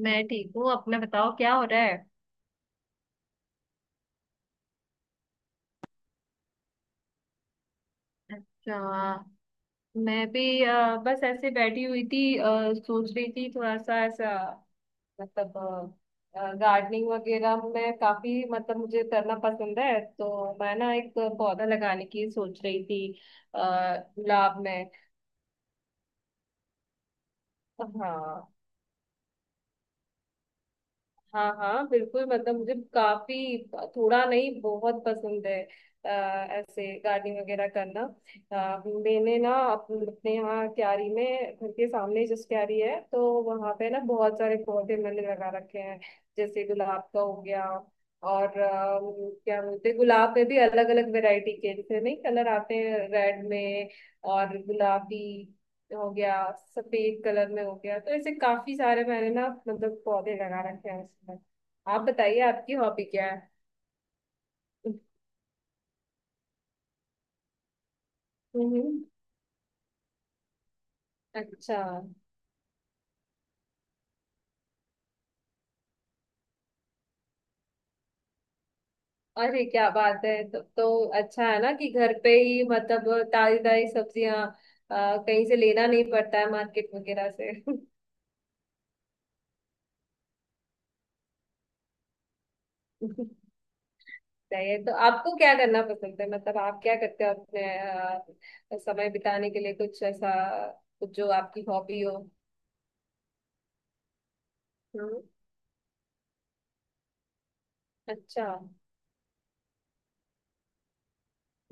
मैं ठीक हूँ। अपना बताओ क्या हो रहा है। अच्छा। मैं भी बस ऐसे बैठी हुई थी, सोच रही थी थोड़ा सा ऐसा, मतलब गार्डनिंग वगैरह में काफी, मतलब मुझे करना पसंद है, तो मैं ना एक पौधा लगाने की सोच रही थी। अ, गुलाब में। हाँ। हाँ, हाँ, बिल्कुल, मतलब मुझे काफी, थोड़ा नहीं, बहुत पसंद है। अ, ऐसे गार्डनिंग वगैरह करना। मैंने ना अपने यहाँ क्यारी में, घर के सामने जिस क्यारी है, तो वहाँ पे ना बहुत सारे पौधे मैंने लगा रखे हैं। जैसे गुलाब का हो गया, और क्या बोलते हैं, गुलाब में भी अलग अलग वैरायटी के जैसे नहीं, कलर आते हैं रेड में, और गुलाबी हो गया, सफेद कलर में हो गया, तो ऐसे काफी सारे मैंने ना, मतलब पौधे लगा रखे हैं उसमें। आप बताइए आपकी हॉबी क्या है। हम्म। अच्छा। अरे क्या बात है! तो अच्छा है ना कि घर पे ही, मतलब ताजी ताजी सब्जियां कहीं से लेना नहीं पड़ता है मार्केट वगैरह से। सही है। तो आपको क्या करना पसंद है, मतलब आप क्या करते हो अपने समय बिताने के लिए? कुछ ऐसा, कुछ जो आपकी हॉबी हो। हम्म। अच्छा।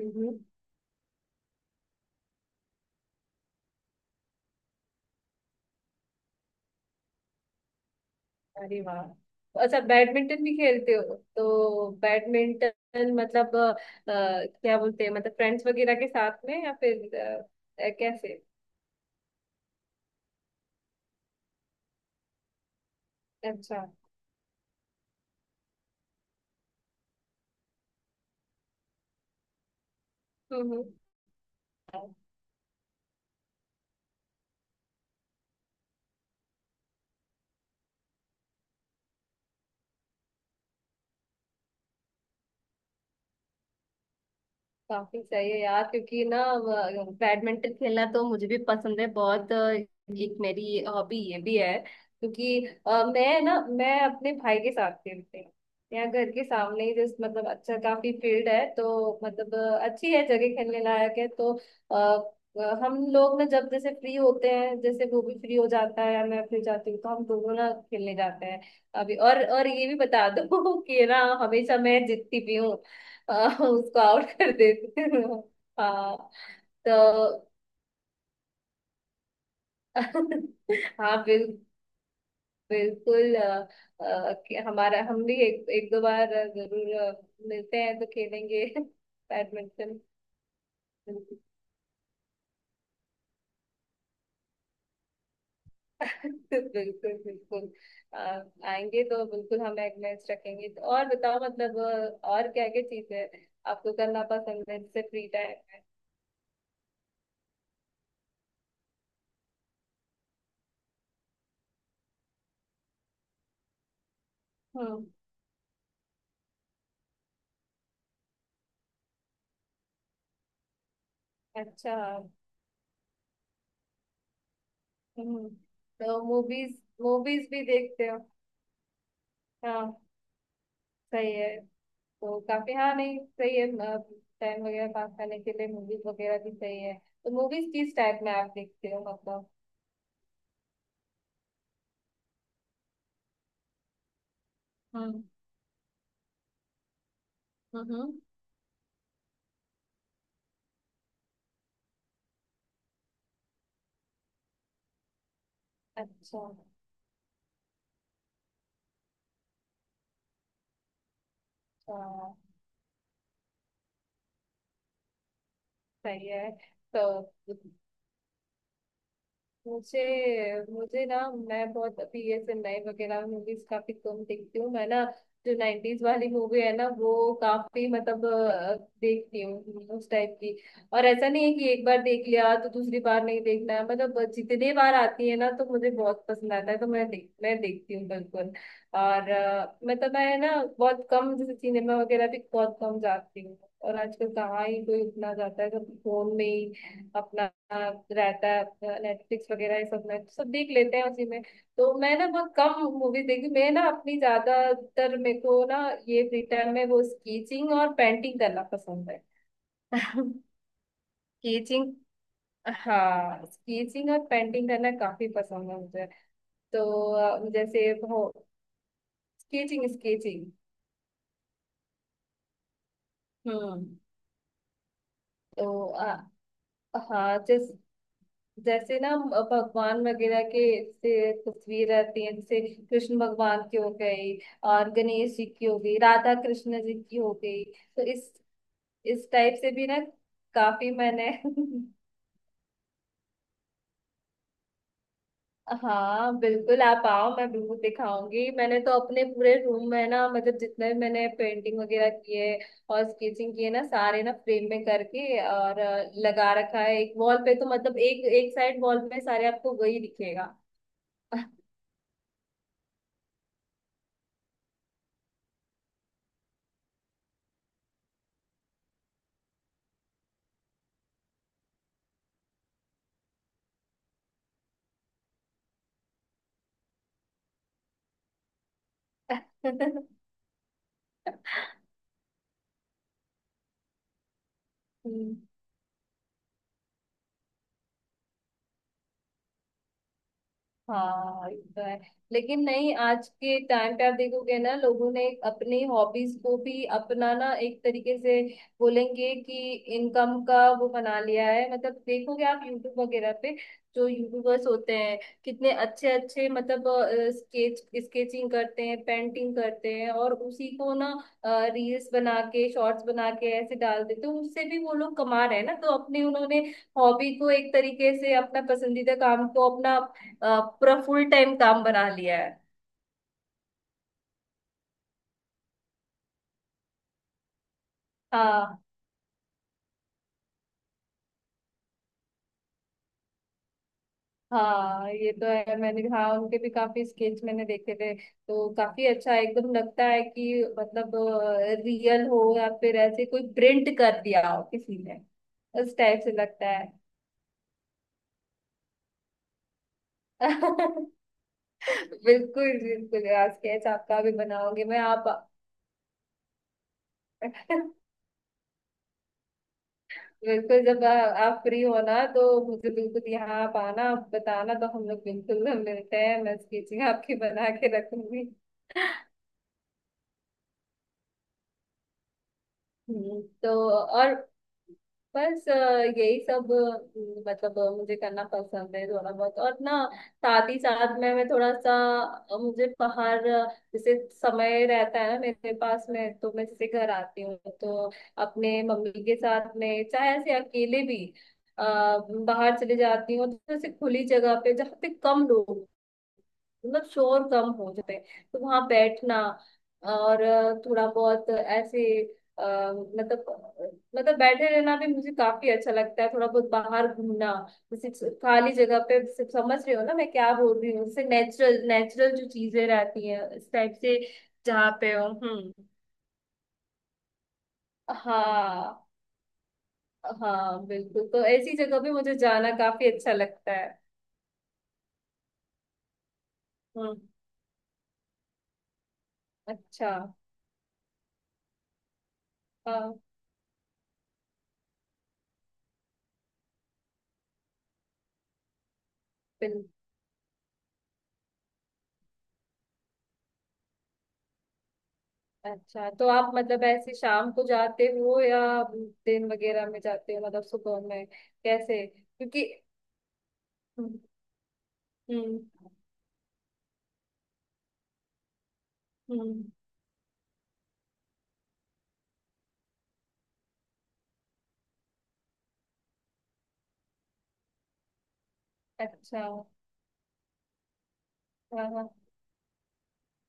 हम्म। अरे वाह! तो अच्छा, बैडमिंटन भी खेलते हो? तो बैडमिंटन मतलब क्या बोलते हैं, मतलब फ्रेंड्स वगैरह के साथ में, या फिर कैसे? अच्छा। हम्म। हम्म। काफी सही है यार, क्योंकि ना बैडमिंटन खेलना तो मुझे भी पसंद है बहुत। एक मेरी हॉबी ये भी है, क्योंकि मैं अपने भाई के साथ खेलती हूँ। यहाँ घर के सामने ही जस्ट, मतलब अच्छा काफी फील्ड है, तो मतलब अच्छी है जगह, खेलने लायक है तो। अ, हम लोग ना जब जैसे फ्री होते हैं, जैसे वो भी फ्री हो जाता है या मैं फ्री हो जाती हूँ, तो हम दोनों ना खेलने जाते हैं। अभी और ये भी बता दो कि ना हमेशा मैं जीतती भी हूँ। उसको आउट कर देते हैं। हाँ। तो हाँ, बिल्कुल कि हमारा हम भी एक दो बार जरूर मिलते हैं तो खेलेंगे बैडमिंटन। बिल्कुल, बिल्कुल, अ, आएंगे तो बिल्कुल हम एक मैच रखेंगे। तो और बताओ, मतलब और क्या क्या चीजें आपको करना पसंद है जैसे फ्री टाइम में? हम्म। अच्छा। हम्म। तो मूवीज मूवीज भी देखते हो? हाँ, सही है। तो काफी, हाँ नहीं, सही है, टाइम वगैरह पास करने के लिए मूवीज वगैरह भी सही है। तो मूवीज किस टाइप में आप देखते हो, मतलब? हम्म। हम्म। अच्छा। अच्छा, सही है। तो मुझे मुझे ना, मैं बहुत अभी ये चेन्नई वगैरह मूवीज काफी कम देखती हूँ मैं ना। जो नाइनटीज वाली मूवी है ना वो, काफी मतलब देखती हूँ उस टाइप की। और ऐसा नहीं है कि एक बार देख लिया तो दूसरी बार नहीं देखना है, मतलब जितने बार आती है ना तो मुझे बहुत पसंद आता है, तो मैं देखती हूँ बिल्कुल। और मतलब मैं ना बहुत कम, जैसे सिनेमा वगैरह भी बहुत कम जाती हूँ, और आजकल कहाँ ही कोई उतना जाता है, सब फोन में ही अपना रहता है, नेटफ्लिक्स वगैरह ये सब में सब देख लेते हैं उसी में। तो मैं ना बहुत कम मूवीज देखी मैं ना, अपनी ज्यादातर मेरे को ना ये फ्री टाइम में वो स्केचिंग और पेंटिंग करना पसंद है। स्केचिंग। हाँ, स्केचिंग और पेंटिंग करना काफी पसंद है मुझे। तो जैसे हो। Sketching, sketching. हम्म। तो हाँ, जैसे ना भगवान वगैरह के से तस्वीर रहती है, जैसे कृष्ण भगवान की हो गई, और गणेश जी की हो गई, राधा कृष्ण जी की हो गई, तो इस टाइप से भी ना काफी मैंने हाँ बिल्कुल, आप आओ, मैं बिल्कुल दिखाऊंगी। मैंने तो अपने पूरे रूम में ना, मतलब जितने भी मैंने पेंटिंग वगैरह किए और स्केचिंग किए ना, सारे ना फ्रेम में करके और लगा रखा है एक वॉल पे, तो मतलब एक एक साइड वॉल पे सारे आपको वही दिखेगा। हम्म। हाँ, ये तो है, लेकिन नहीं, आज के टाइम पे आप देखोगे ना, लोगों ने अपनी हॉबीज को भी अपनाना एक तरीके से। बोलेंगे कि इनकम का वो बना लिया है, मतलब देखोगे आप यूट्यूब वगैरह पे जो यूट्यूबर्स होते हैं, कितने अच्छे अच्छे मतलब स्केचिंग करते हैं, पेंटिंग करते हैं, और उसी को ना रील्स बना के, शॉर्ट्स बना के ऐसे डाल देते हैं, उससे भी वो लोग कमा रहे हैं ना, तो अपने उन्होंने हॉबी को एक तरीके से, अपना पसंदीदा काम को अपना पूरा फुल टाइम काम बना लिया है। हाँ, हाँ, ये तो है। मैंने, हाँ, उनके भी काफी स्केच मैंने देखे थे, तो काफी अच्छा एकदम लगता है कि मतलब रियल हो, या फिर ऐसे कोई प्रिंट कर दिया हो किसी ने, उस टाइप से लगता है। बिल्कुल, बिल्कुल यार, स्केच आपका भी बनाओगे मैं आप बिल्कुल, जब आप फ्री होना तो मुझे बिल्कुल यहाँ, आप आना, आप बताना, तो हम लोग बिल्कुल मिलते हैं, मैं स्केचिंग आपकी बना के रखूंगी। हम्म। तो और बस यही सब मतलब मुझे करना पसंद है थोड़ा बहुत। और ना, साथ ही साथ में मैं थोड़ा सा मुझे बाहर जैसे समय रहता है ना मेरे पास में, तो मैं जैसे घर आती हूँ तो अपने मम्मी के साथ में, चाहे ऐसे अकेले भी अ, बाहर चले जाती हूँ, तो जैसे खुली जगह पे, जहाँ पे कम लोग, मतलब शोर कम हो जाते हैं, तो वहां बैठना, और थोड़ा बहुत ऐसे, अ, मतलब मतलब बैठे रहना भी मुझे काफी अच्छा लगता है, थोड़ा बहुत बाहर घूमना, जैसे खाली जगह पे, जैसे समझ रहे हो ना मैं क्या बोल रही हूँ, जैसे नेचुरल नेचुरल जो चीजें रहती हैं इस टाइप से, जहाँ पे हो। हम्म। हाँ, हाँ बिल्कुल, तो ऐसी जगह पे मुझे जाना काफी अच्छा लगता है। हम्म। अच्छा। हाँ, बिल्कुल। अच्छा, तो आप मतलब ऐसे शाम को जाते हो, या दिन वगैरह में जाते हो, मतलब सुबह में? कैसे, क्योंकि? हम्म। हम्म। हम्म। अच्छा। हाँ, हाँ।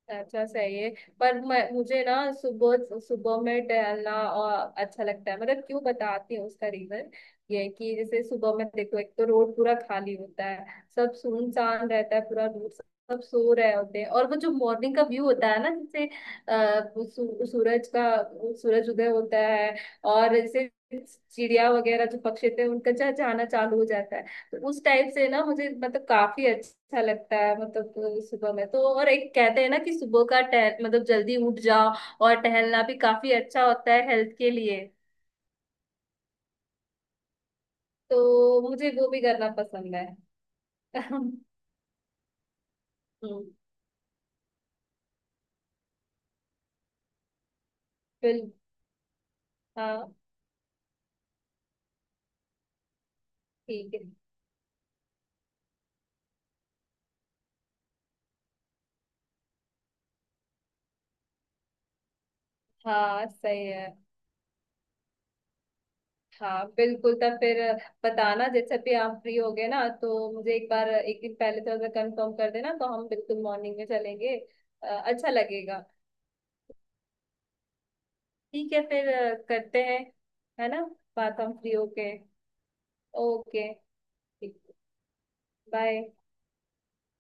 अच्छा, सही है। पर मैं मुझे ना, सुबह सुबह में टहलना और अच्छा लगता है, मतलब क्यों बताती हूँ उसका रीजन। ये है कि जैसे सुबह में देखो, एक तो रोड पूरा खाली होता है, सब सुनसान रहता है पूरा रोड, सब सो रहे होते हैं, और वो जो मॉर्निंग का व्यू होता है ना, जैसे अः सू, सूरज का सूरज उदय होता है, और जैसे चिड़िया वगैरह जो पक्षी थे, उनका चहचहाना चालू हो जाता है, तो उस टाइप से ना मुझे, मतलब काफी अच्छा लगता है, मतलब सुबह में तो। और एक कहते हैं ना कि सुबह का टह मतलब जल्दी उठ जाओ, और टहलना भी काफी अच्छा होता है हेल्थ के लिए, तो मुझे वो भी करना पसंद है। हम्म। बिल हाँ, ठीक है। हाँ, सही है। हाँ बिल्कुल, तब फिर बताना जैसे भी आप फ्री हो गए ना, तो मुझे एक बार एक दिन पहले थोड़ा सा कंफर्म कर देना, तो हम बिल्कुल मॉर्निंग में चलेंगे। अच्छा लगेगा। ठीक है फिर करते हैं, है ना? बात हम फ्री होके। ओके। ठीक। बाय।